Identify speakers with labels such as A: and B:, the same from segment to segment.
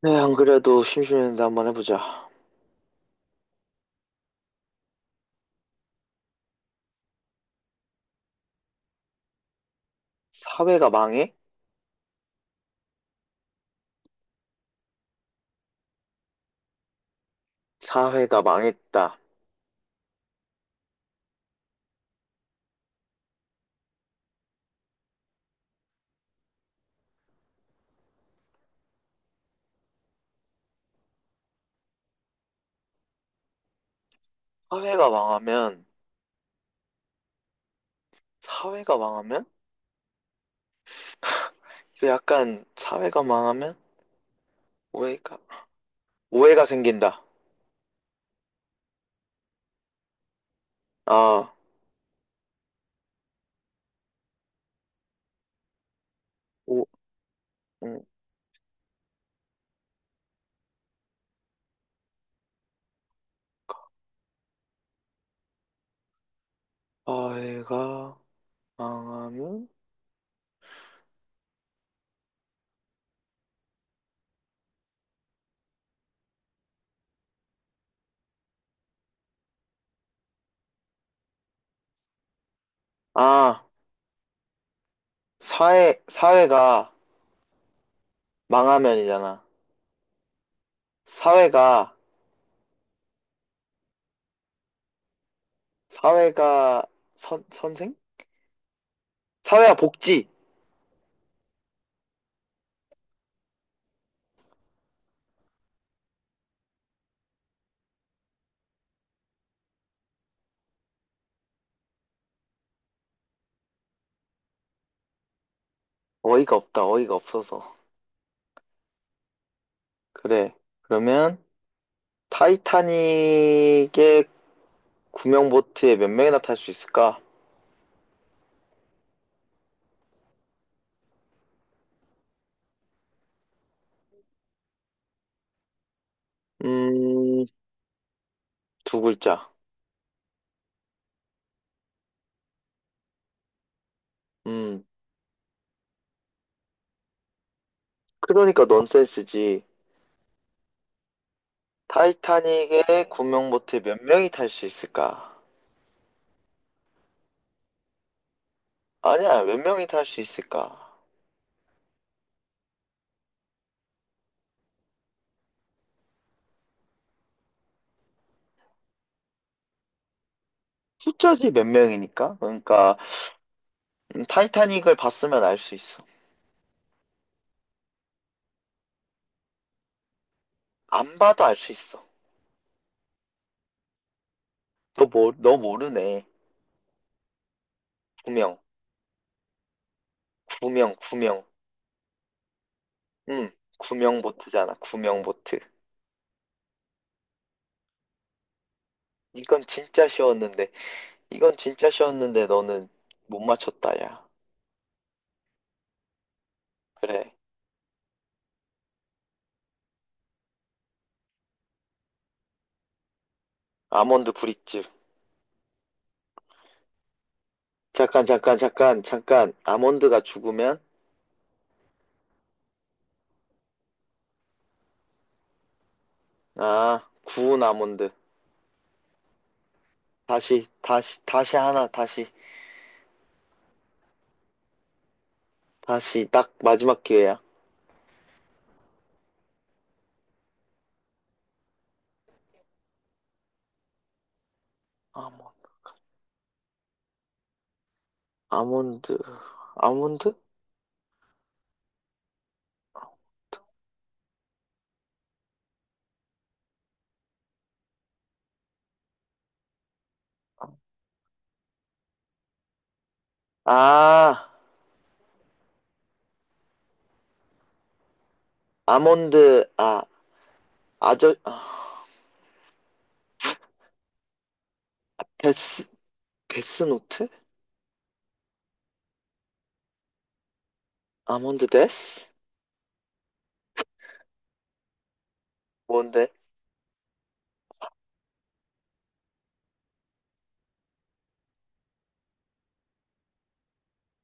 A: 네, 안 그래도 심심했는데 한번 해보자. 사회가 망해? 사회가 망했다. 사회가 망하면, 사회가 망하면? 이거 약간, 사회가 망하면? 오해가, 오해가 생긴다. 아, 오, 음, 사회가 망하면? 아, 사회가 망하면이잖아. 사회가, 사회가 선생? 사회와 복지! 어이가 없다, 어이가 없어서. 그래. 그러면, 타이타닉의 구명 보트에 몇 명이나 탈 수 있을까? 음, 두 글자. 음, 그러니까 넌센스지. 타이타닉에 구명 보트에 몇 명이 탈 수 있을까? 아니야, 몇 명이 탈 수 있을까? 숫자지 몇 명이니까. 그러니까 타이타닉을 봤으면 알 수 있어. 안 봐도 알 수 있어. 너 모르네. 구명, 구명. 음, 구명 보트잖아. 구명 보트. 이건 진짜 쉬웠는데, 이건 진짜 쉬웠는데 너는 못 맞췄다, 야. 그래. 아몬드 브릿집. 잠깐, 잠깐, 잠깐, 잠깐. 아몬드가 죽으면, 아, 구운 아몬드. 다시, 다시, 딱 마지막 기회야. 아몬, 아몬드, 아몬드? 아, 아몬드, 아, 아저, 아, 데스, 데스노트? 아몬드 데스? 뭔데?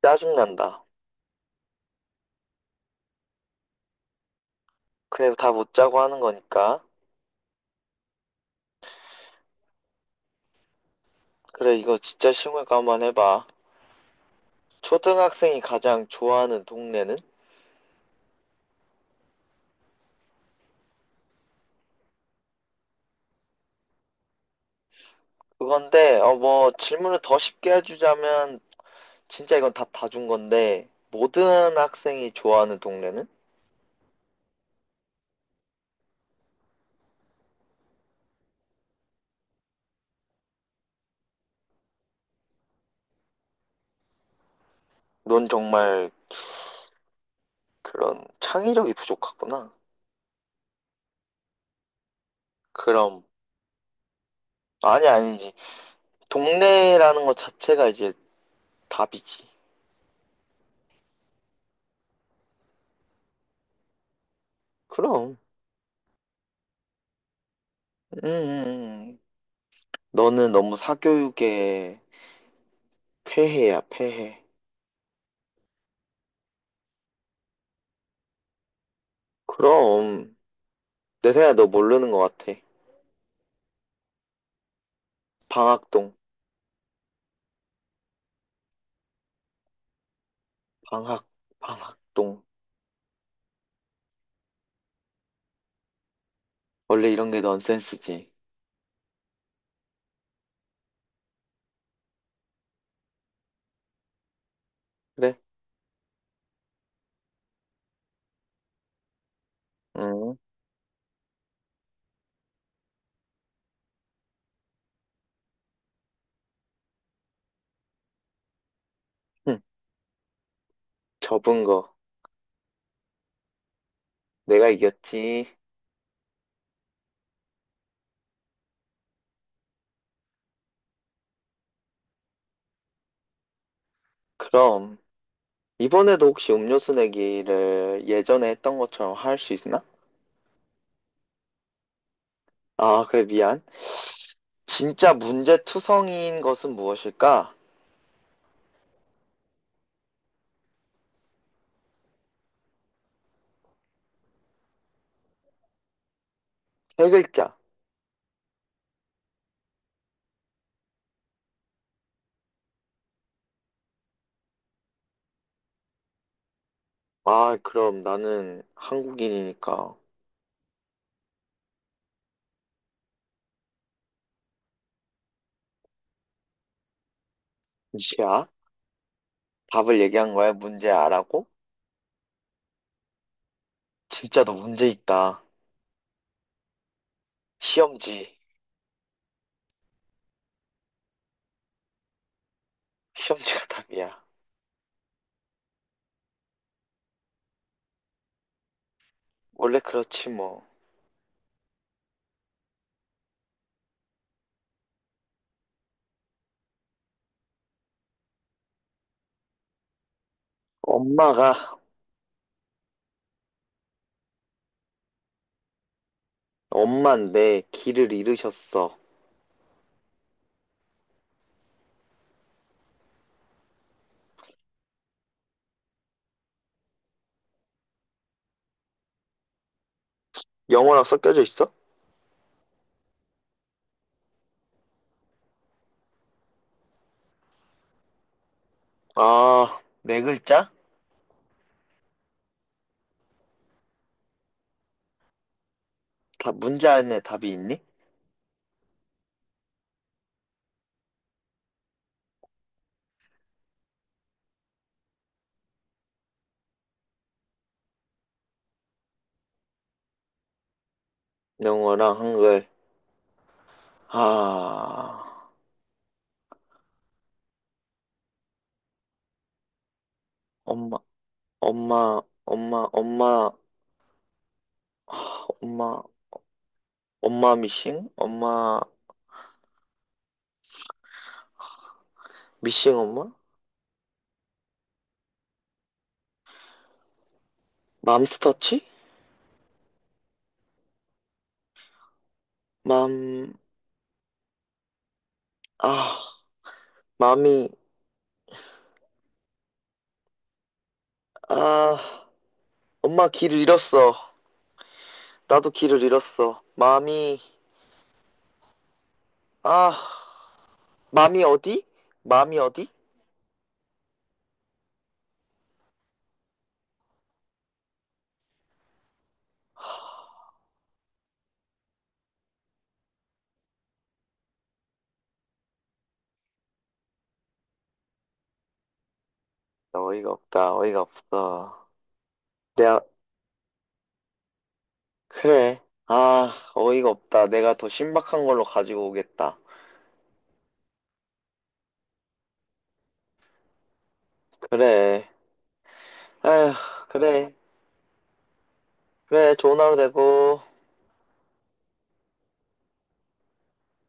A: 짜증난다. 그래도 다 못 짜고 하는 거니까. 그래, 이거 진짜 쉬운 거 한번 해봐. 초등학생이 가장 좋아하는 동네는? 그건데, 어, 뭐, 질문을 더 쉽게 해주자면, 진짜 이건 답 다 준 건데, 모든 학생이 좋아하는 동네는? 넌 정말 그런 창의력이 부족하구나. 그럼, 아니, 아니지. 동네라는 것 자체가 이제 답이지. 그럼, 음, 음, 음. 너는 너무 사교육에 폐해야, 폐해. 그럼, 내 생각에 너 모르는 것 같아. 방학동, 방학, 방학동. 원래 이런 게 넌센스지. 그래? 응. 접은 거. 내가 이겼지. 그럼, 이번에도 혹시 음료수 내기를 예전에 했던 것처럼 할 수 있나? 아, 그래, 미안. 진짜 문제투성이인 것은 무엇일까? 세 글자. 아, 그럼 나는 한국인이니까. 문제야? 답을 얘기한 거야? 문제 아라고? 진짜 너 문제 있다. 시험지. 시험지가 답이야. 원래 그렇지, 뭐. 엄마가, 엄만 내 길을 잃으셨어. 영어랑 섞여져 있어? 아, 네 글자? 다 문제 안에 답이 있니? 영어랑 한글. 아, 엄마, 엄마, 아, 엄마, 엄마 미싱? 엄마, 미싱 엄마? 맘스터치? 맘, 아, 맘이, 아, 엄마 길을 잃었어. 나도 길을 잃었어. 맘이, 아, 맘이 어디? 맘이 어디? 나 어이가 없다, 어이가 없어. 내가, 그래. 아, 어이가 없다. 내가 더 신박한 걸로 가지고 오겠다. 그래. 아휴, 그래. 그래. 좋은 하루 되고.